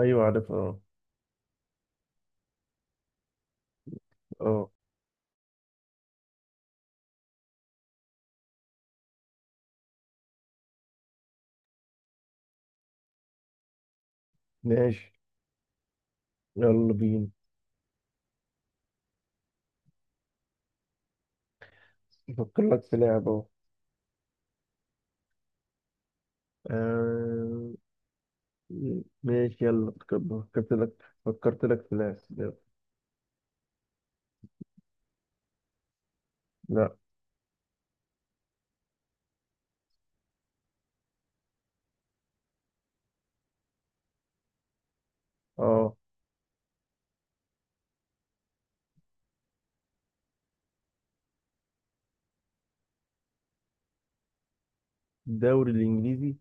ايوه عارف اه. اه. ماشي، يلا بينا. افكر لك في لعبة اهو. آه، ماشي، يلا فكرت لك في لعبة يلا. لا. اه. الدوري الانجليزي.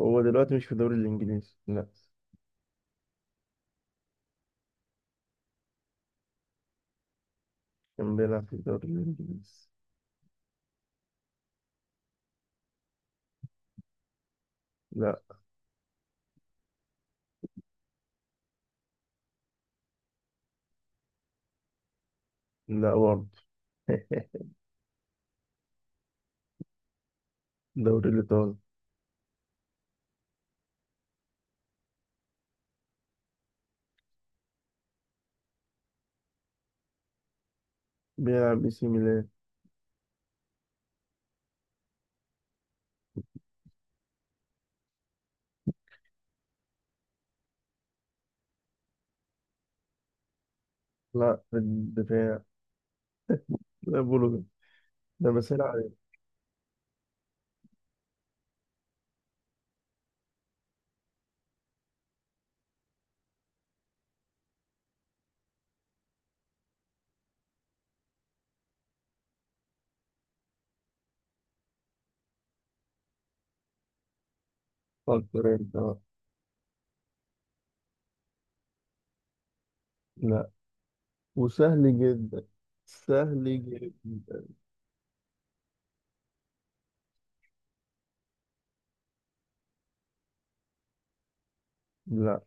هو دلوقتي مش في الدوري الانجليزي، لا. كان بيلعب في الدوري الانجليزي. لا، لا برضه. الدوري الايطالي. بيلعب اي سي ميلان. لا، في الدفاع. لا، بولو. ده بسأل عليه. فكر انت بقى. لا. وسهل جدا. سهل جدا. لا،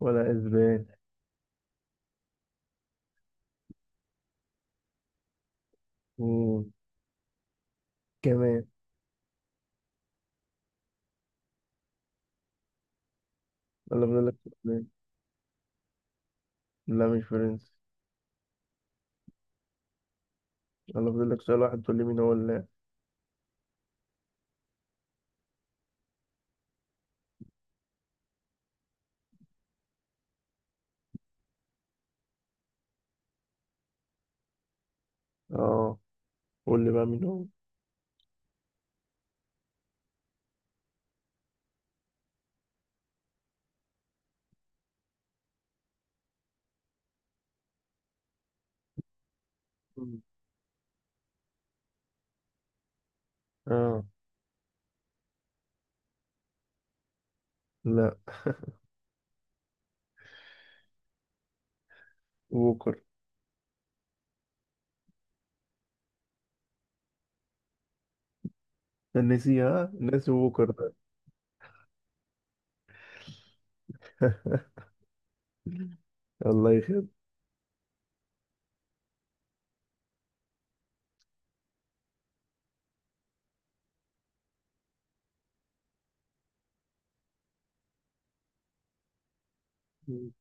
ولا اسباني. مم. كمان. يلا فاضل لك سؤالين. لا، مش فرنسي. يلا فاضل لك سؤال واحد تقول لي مين هو اللاعب. اه، قول لي بقى مين هو. مم. اه. لا. ووكر. نسيها، ناسي ووكر ده. الله يخير. مم.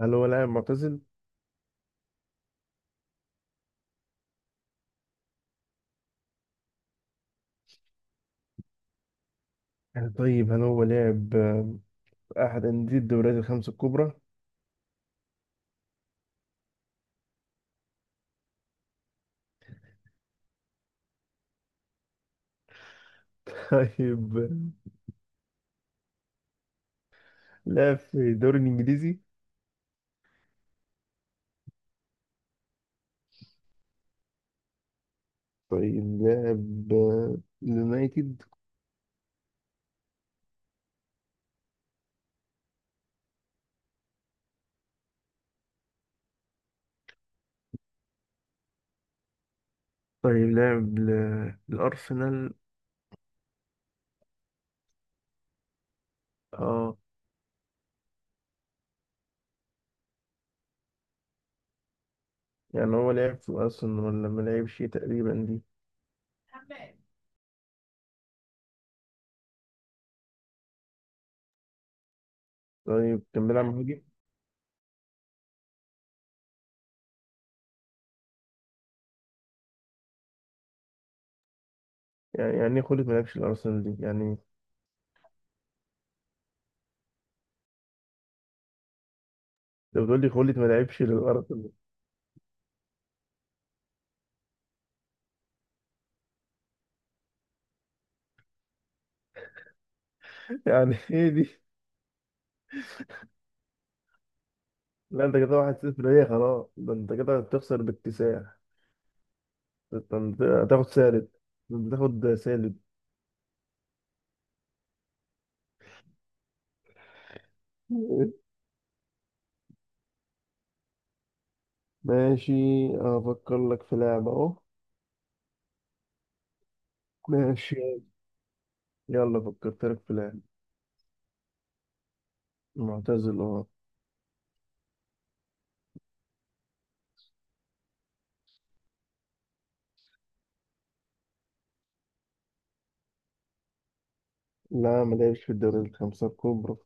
هل هو لاعب معتزل؟ طيب، هل هو لاعب في أحد أندية الدوريات الخمسة الكبرى؟ طيب، لاعب في الدوري الإنجليزي؟ طيب، لاعب اليونايتد؟ طيب، لاعب الأرسنال. اه، يعني هو لعب في الارسنال ولا ما لعبش؟ تقريبا دي؟ طيب، كان بيلعب مهاجم. يعني ايه خلت ما لعبش الارسنال دي يعني. انت بتقول لي خلت ما لعبش للارسنال. يعني ايه دي؟ لا، انت كده 1-0. ايه، خلاص، ده انت كده هتخسر باكتساح. ده انت هتاخد سالب. ده انت هتاخد سالب. ماشي. افكر لك في لعبة اهو. ماشي، يلا فكرت لك في لعبة. معتزل، اه. لا، ما لعبش في الدوري الخمسة الكبرى.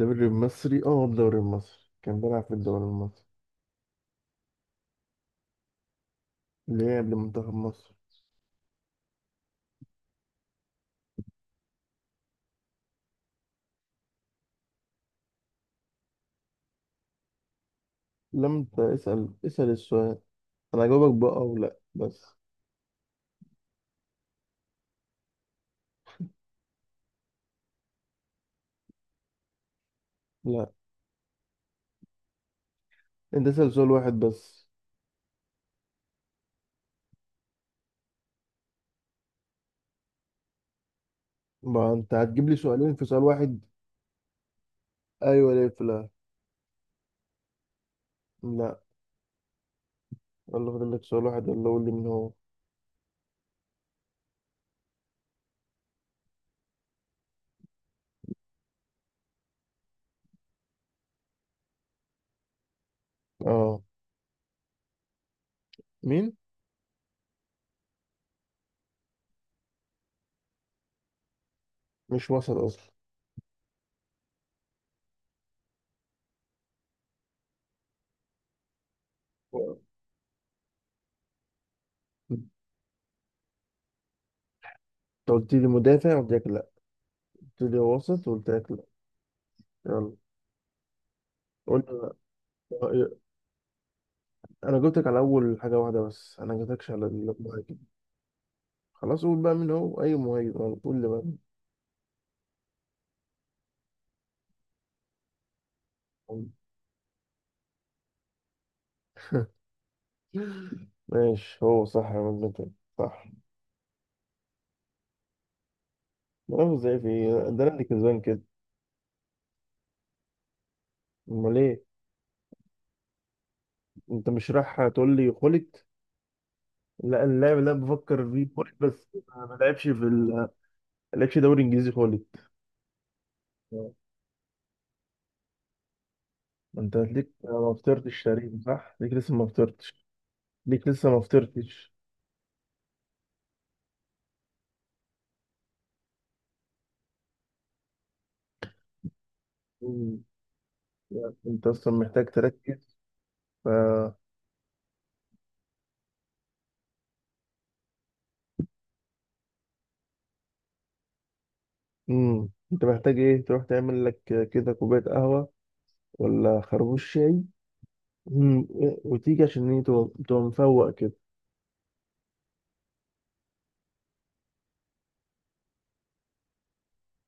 الدوري المصري. اه، الدوري المصري، كان بيلعب في الدوري المصري. لعب لمنتخب مصر. لم ت- اسأل اسأل السؤال. انا هجاوبك بقى او لا، بس. لا، انت اسأل سؤال واحد بس. ما انت هتجيب لي سؤالين في سؤال واحد. ايوه ولا في لا. لا. يلا فاضل لك سؤال واحد، يلا قول لي مين هو. اه، مين. مش وسط اصلا. انت قلت لي مدافع قلت لك لا. قلت لي وسط قلت لك لا. يلا، قول لي بقى. آه، انا جبتك على اول حاجة واحدة بس، انا ما جبتكش على اللي. خلاص، قول بقى مين هو. اي مهاجم انا، قول لي بقى مين هو. ماشي، هو صح يا مجنون، صح. ما زي في إيه؟ ده انا اللي كسبان كده. امال ايه. انت مش رايح تقول لي خلت. لا، اللاعب اللي أنا بفكر فيه خلت بس ما لعبش في ما لعبش دوري انجليزي خلت. آه. ما انت ليك ما فطرتش تقريبا، صح، ليك لسه ما فطرتش. ليك لسه ما فطرتش. أمم. يعني انت اصلا محتاج تركز. ف انت محتاج ايه تروح تعمل لك كده كوبايه قهوه، ولا خربوش شاي؟ مم. وتيجي عشان ايه تبقى مفوق كده.